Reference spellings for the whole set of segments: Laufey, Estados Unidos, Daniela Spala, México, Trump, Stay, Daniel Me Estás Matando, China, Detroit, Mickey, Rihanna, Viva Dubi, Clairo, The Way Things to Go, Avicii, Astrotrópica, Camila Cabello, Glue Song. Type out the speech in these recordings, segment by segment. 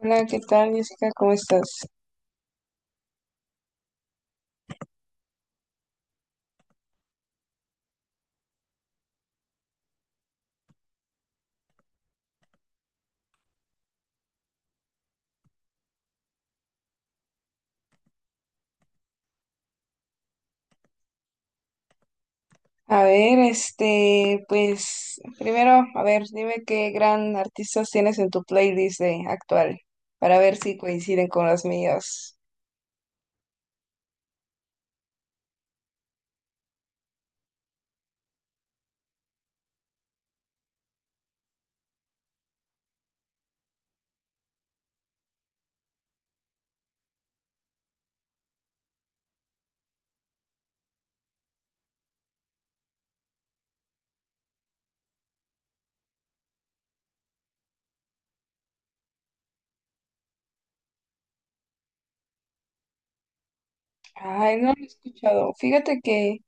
Hola, ¿qué tal, Jessica? ¿Cómo estás? A ver, este, pues, primero, a ver, dime qué gran artistas tienes en tu playlist de actual, para ver si coinciden con las mías. Ay, no lo he escuchado. Fíjate que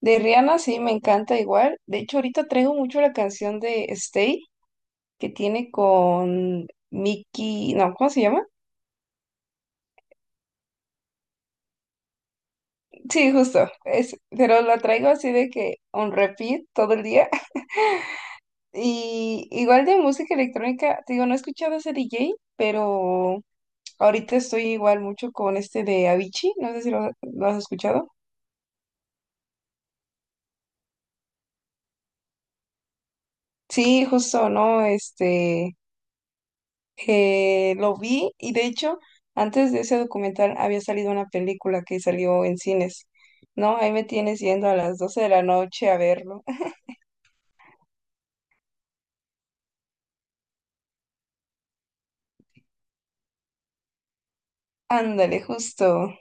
de Rihanna sí me encanta igual. De hecho, ahorita traigo mucho la canción de Stay, que tiene con Mickey, no, ¿cómo se llama? Sí, justo, es, pero la traigo así de que on repeat todo el día. Y igual de música electrónica, te digo, no he escuchado ese DJ, pero ahorita estoy igual mucho con este de Avicii, no sé si lo has escuchado. Sí, justo, ¿no? Este, lo vi y, de hecho, antes de ese documental había salido una película que salió en cines, ¿no? Ahí me tienes yendo a las 12 de la noche a verlo. Ándale, justo.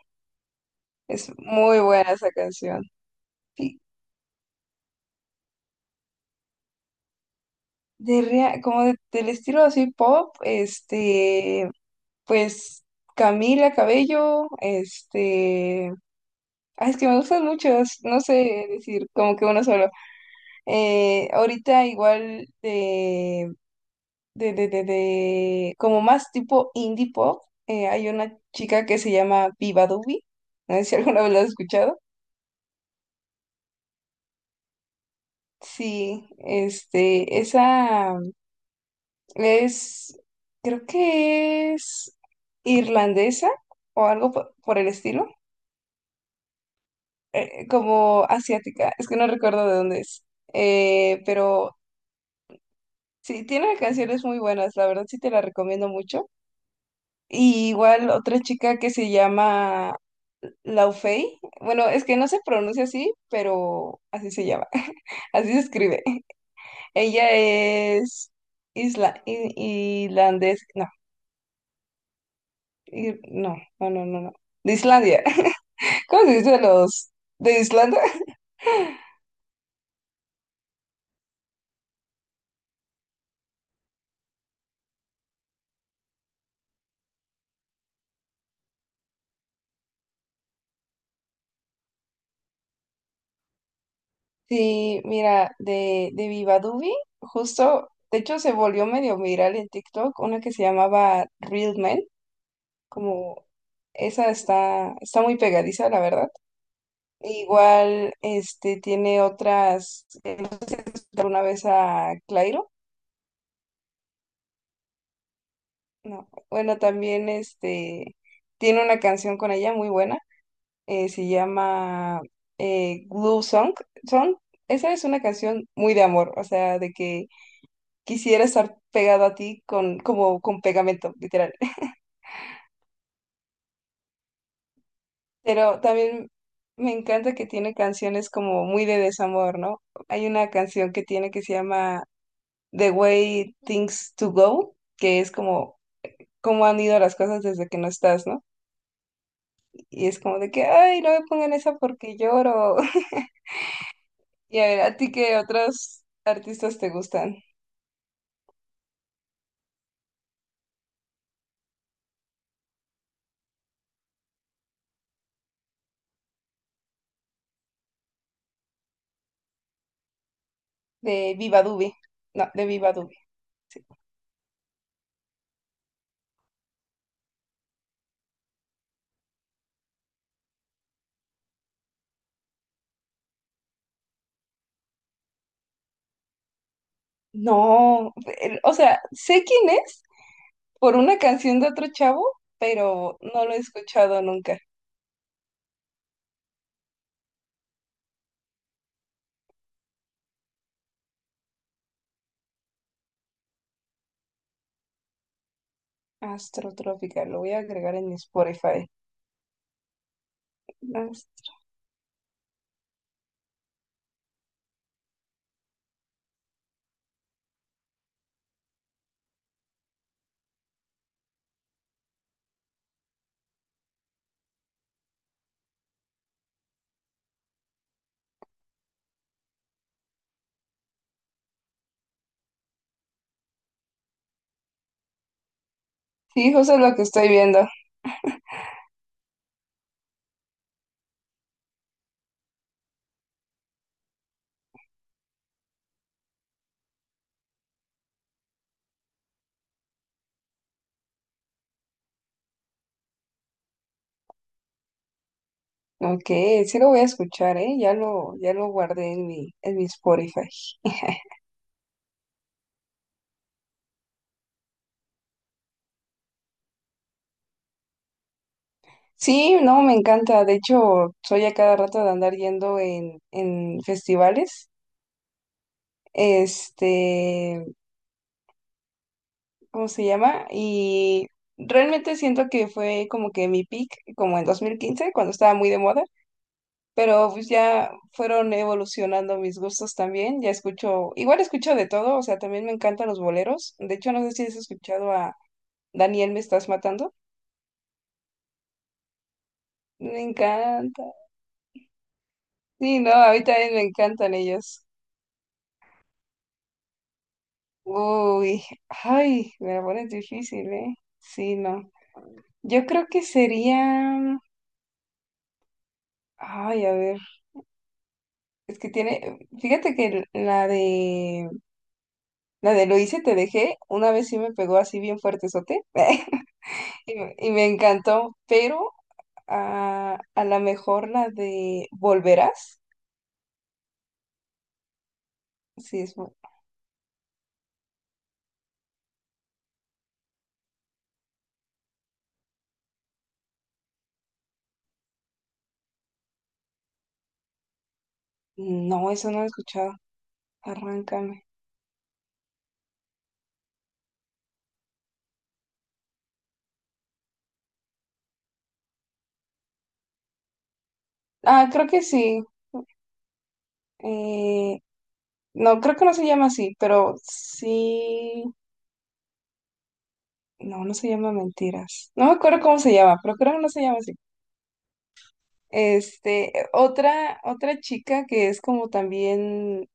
Es muy buena esa canción. Y de del estilo así pop, este, pues Camila Cabello, este, ay, es que me gustan muchos, no sé decir como que uno solo. Ahorita igual como más tipo indie pop, hay una chica que se llama Viva Dubi, no sé si alguna vez la has escuchado. Sí, este, esa es, creo que es irlandesa o algo por el estilo. Como asiática, es que no recuerdo de dónde es. Pero sí, tiene canciones muy buenas, la verdad, sí te la recomiendo mucho. Y igual otra chica que se llama Laufey, bueno, es que no se pronuncia así, pero así se llama, así se escribe. Ella es irlandés, no, no, no, no, no, no, de Islandia. ¿Cómo se dice los de Islandia? Sí, mira, de Viva Dubi, justo, de hecho se volvió medio viral en TikTok, una que se llamaba Real Men, como esa está, está muy pegadiza, la verdad. Igual, este, tiene otras, no sé si has escuchado alguna vez a Clairo, no, bueno, también, este, tiene una canción con ella muy buena, se llama, Glue Song, Song, esa es una canción muy de amor, o sea, de que quisiera estar pegado a ti con, como con pegamento, literal. Pero también me encanta que tiene canciones como muy de desamor, ¿no? Hay una canción que tiene que se llama The Way Things to Go, que es como cómo han ido las cosas desde que no estás, ¿no? Y es como de que, ay, no me pongan esa porque lloro. Y a ver, ¿a ti qué otros artistas te gustan? De Viva Dube. No, de Viva Dube. No, pero, o sea, sé quién es, por una canción de otro chavo, pero no lo he escuchado nunca. Astrotrópica, lo voy a agregar en mi Spotify. Ast- Sí, justo es lo que estoy viendo. Ok, sí lo voy a escuchar, ¿eh? Ya lo guardé en mi Spotify. Sí, no, me encanta. De hecho, soy a cada rato de andar yendo en festivales. Este, ¿cómo se llama? Y realmente siento que fue como que mi peak, como en 2015, cuando estaba muy de moda, pero pues ya fueron evolucionando mis gustos también, ya escucho, igual escucho de todo, o sea, también me encantan los boleros. De hecho, no sé si has escuchado a Daniel Me Estás Matando, me encanta, sí, no, a mí también me encantan ellos, uy, ay, me la pones difícil, ¿eh? Sí, no, yo creo que sería, ay, a ver, es que tiene, fíjate que la de Lo hice, te dejé, una vez sí me pegó así bien fuertezote, y me encantó, pero a lo mejor la de Volverás. Sí, es... No, eso no lo he escuchado. Arráncame. Ah, creo que sí. Eh, no, creo que no se llama así, pero sí. No, no se llama Mentiras. No me acuerdo cómo se llama, pero creo que no se llama así. Este, otra, otra chica que es como también,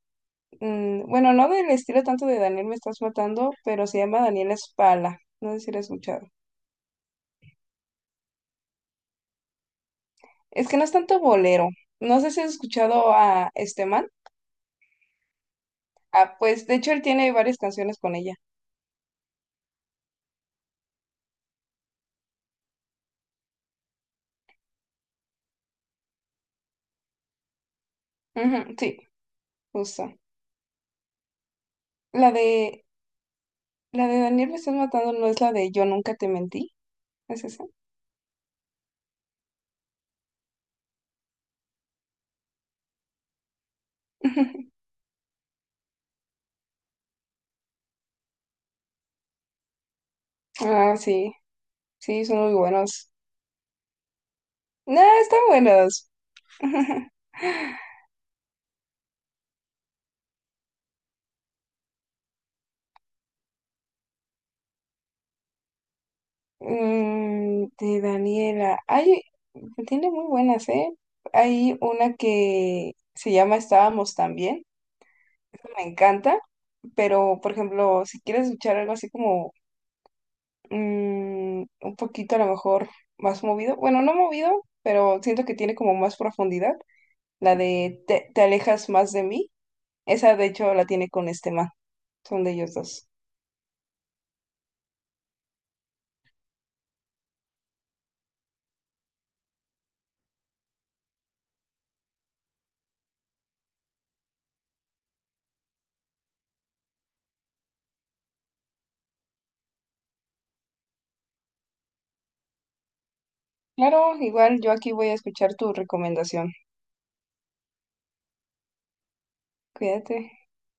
bueno, no del estilo tanto de Daniel Me Estás Matando, pero se llama Daniela Spala. No sé si la has escuchado. Es que no es tanto bolero. No sé si has escuchado a este man. Ah, pues de hecho él tiene varias canciones con ella. Ujú, sí, justo. La de la de Daniel me estás matando no es la de Yo nunca te mentí. ¿Es esa? Ah, sí. Sí, son muy buenos. No, están buenos. Mm, de Daniela. Ay, tiene muy buenas, ¿eh? Hay una que se llama Estábamos también. Esa me encanta. Pero, por ejemplo, si quieres escuchar algo así como un poquito a lo mejor más movido, bueno, no movido, pero siento que tiene como más profundidad, la de Te, te alejas más de mí, esa de hecho la tiene con este man, son de ellos dos. Claro, igual yo aquí voy a escuchar tu recomendación. Cuídate.